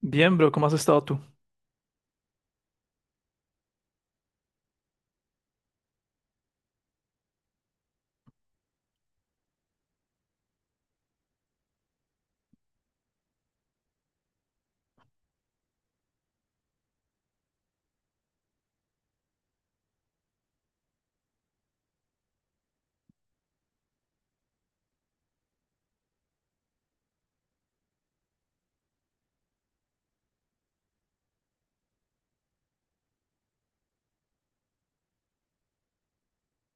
Bien, bro, ¿cómo has estado tú?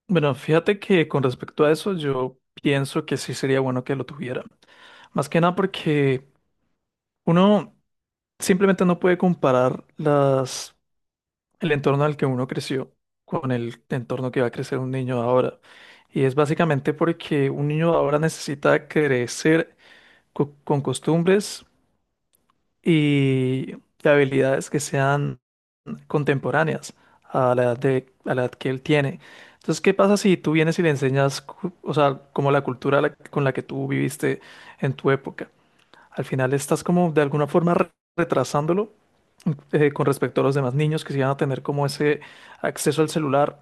Bueno, fíjate que con respecto a eso, yo pienso que sí sería bueno que lo tuviera. Más que nada porque uno simplemente no puede comparar el entorno al que uno creció con el entorno que va a crecer un niño de ahora. Y es básicamente porque un niño de ahora necesita crecer con costumbres y habilidades que sean contemporáneas a a la edad que él tiene. Entonces, ¿qué pasa si tú vienes y le enseñas, o sea, como la con la que tú viviste en tu época? Al final estás como de alguna forma retrasándolo con respecto a los demás niños que sí van a tener como ese acceso al celular.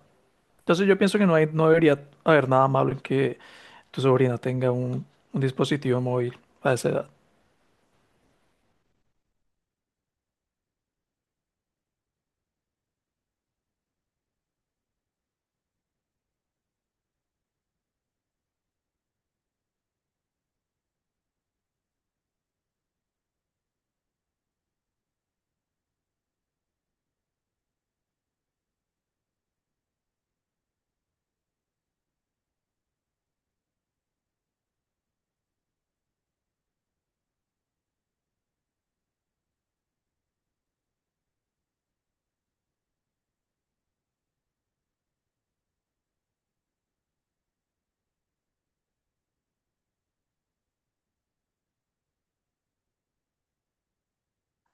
Entonces, yo pienso que no debería haber nada malo en que tu sobrina tenga un dispositivo móvil a esa edad.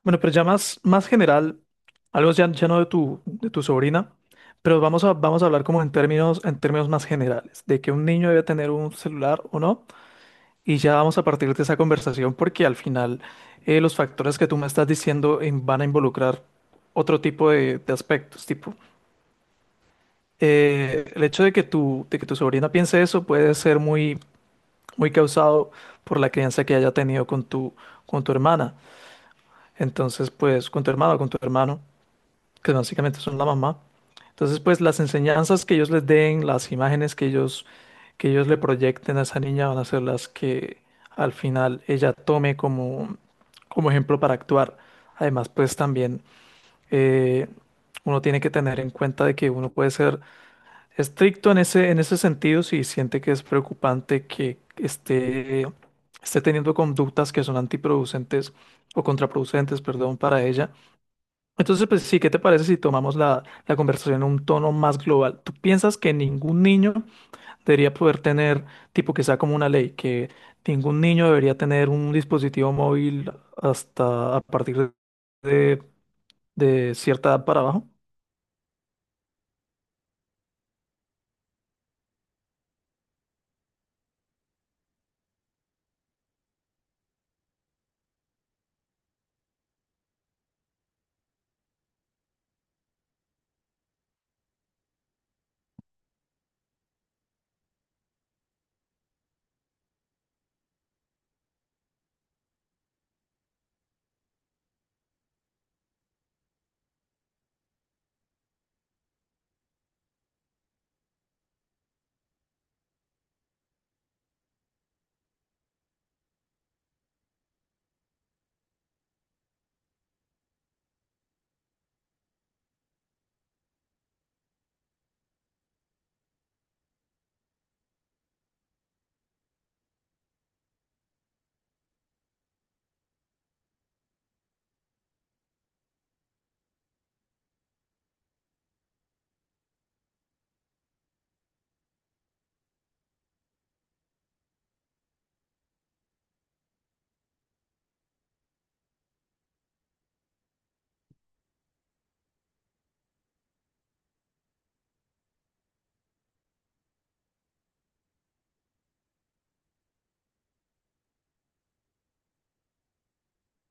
Bueno, pero ya más general, algo ya no de de tu sobrina, pero vamos a hablar como en en términos más generales, de que un niño debe tener un celular o no, y ya vamos a partir de esa conversación porque al final los factores que tú me estás diciendo van a involucrar otro tipo de aspectos, tipo el hecho de que tu sobrina piense eso puede ser muy causado por la crianza que haya tenido con con tu hermana, entonces pues con tu hermano. Que básicamente son la mamá. Entonces, pues las enseñanzas que ellos les den, las imágenes que ellos le proyecten a esa niña van a ser las que al final ella tome como ejemplo para actuar. Además, pues también eh, uno tiene que tener en cuenta de que uno puede ser estricto en en ese sentido si siente que es preocupante que esté teniendo conductas que son antiproducentes o contraproducentes, perdón, para ella, entonces, pues sí, ¿qué te parece si tomamos la conversación a un tono más global? ¿Tú piensas que ningún niño debería poder tener, tipo que sea como una ley, que ningún niño debería tener un dispositivo móvil hasta a partir de, de cierta edad para abajo?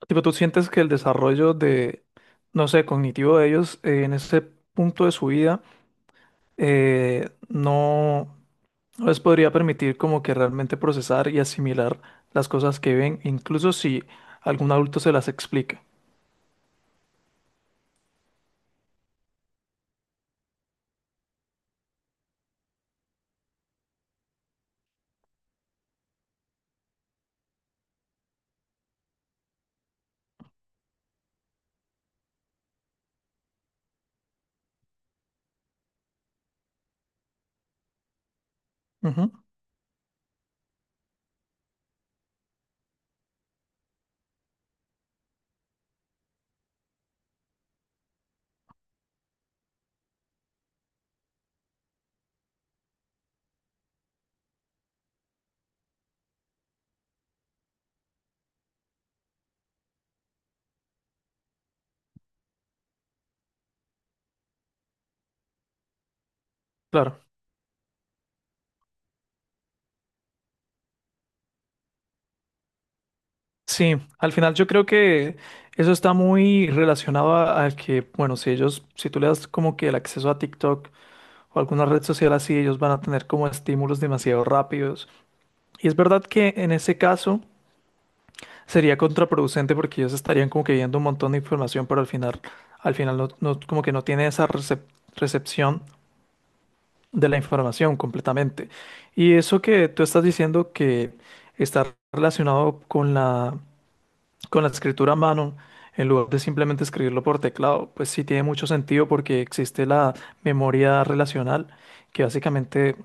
Tipo, ¿tú sientes que el desarrollo no sé, cognitivo de ellos en ese punto de su vida eh, no, no les podría permitir como que realmente procesar y asimilar las cosas que ven, incluso si algún adulto se las explica. Ujú, claro. Sí, al final yo creo que eso está muy relacionado al que, bueno, si ellos, si tú le das como que el acceso a TikTok o alguna red social así, ellos van a tener como estímulos demasiado rápidos. Y es verdad que en ese caso sería contraproducente porque ellos estarían como que viendo un montón de información, pero al final no, no- como que no tiene esa recepción de la información completamente. Y eso que tú estás diciendo que está relacionado con con la escritura a mano, en lugar de simplemente escribirlo por teclado, pues sí tiene mucho sentido porque existe la memoria relacional, que básicamente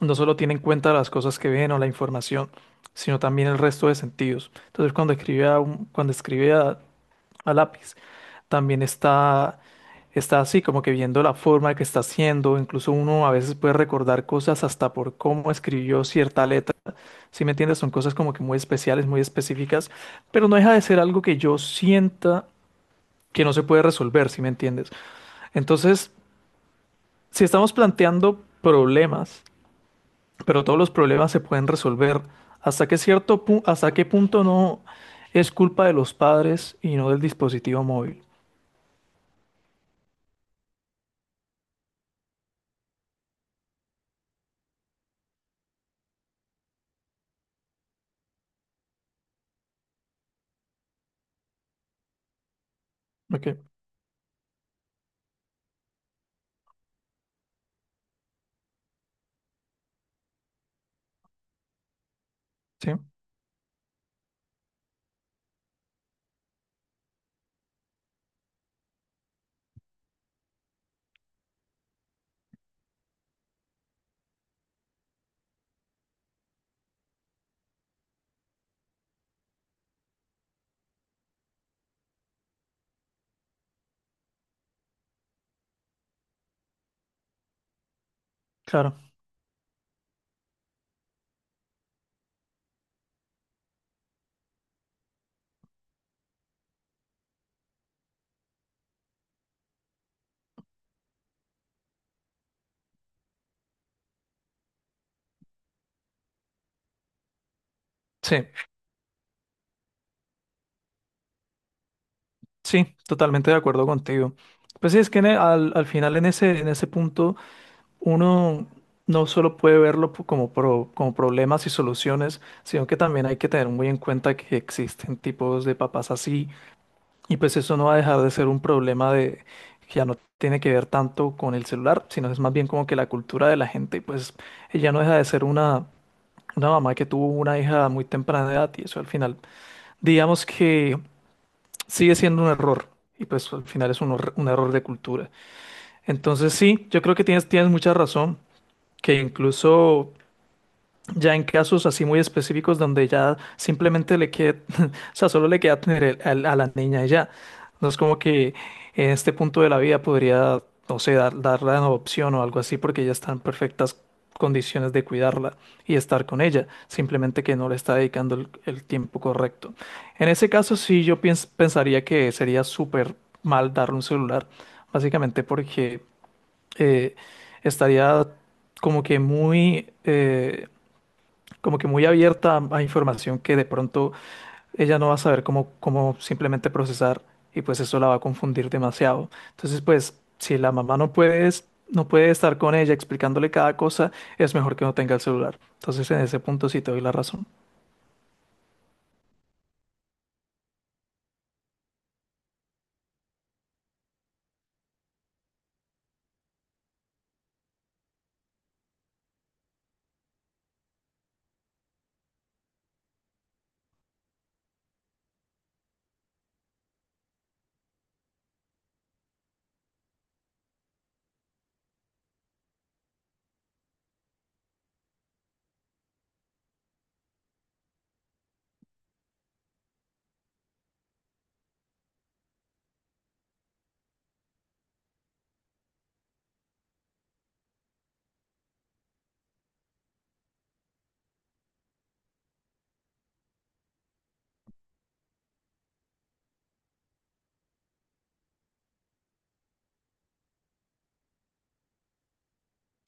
no solo tiene en cuenta las cosas que ven o la información, sino también el resto de sentidos. Entonces, cuando escribe a lápiz, también está así, como que viendo la forma que está haciendo, incluso uno a veces puede recordar cosas hasta por cómo escribió cierta letra, si me entiendes, son cosas como que muy especiales, muy específicas, pero no deja de ser algo que yo sienta que no se puede resolver, si me entiendes. Entonces, si estamos planteando problemas, pero todos los problemas se pueden resolver, ¿hasta qué hasta qué punto no es culpa de los padres y no del dispositivo móvil? Ok, sí, claro, sí. Sí, totalmente de acuerdo contigo. Pues sí, es que al final en en ese punto uno no solo puede verlo po- como, pro- como problemas y soluciones, sino que también hay que tener muy en cuenta que existen tipos de papás así y pues eso no va a dejar de ser un problema de que ya no tiene que ver tanto con el celular, sino es más bien como que la cultura de la gente, pues ella no deja de ser una mamá que tuvo una hija a muy temprana edad y eso al final, digamos que sigue siendo un error. Y pues al final es un error de cultura. Entonces sí, yo creo que tienes mucha razón, que incluso ya en casos así muy específicos donde ya simplemente le queda, o sea, solo le queda tener a la niña y ya. No es como que en este punto de la vida podría, no sé, darla en adopción o algo así porque ya está en perfectas condiciones de cuidarla y estar con ella. Simplemente que no le está dedicando el tiempo correcto. En ese caso sí yo pensaría que sería súper mal darle un celular, básicamente porque eh, estaría como que como que muy abierta a información que de pronto ella no va a saber cómo simplemente procesar y pues eso la va a confundir demasiado. Entonces, pues si la mamá no puede estar con ella explicándole cada cosa, es mejor que no tenga el celular. Entonces, en ese punto sí te doy la razón.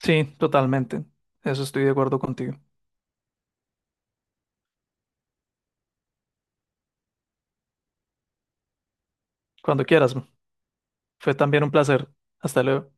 Sí, totalmente. Eso estoy de acuerdo contigo. Cuando quieras. Fue también un placer. Hasta luego.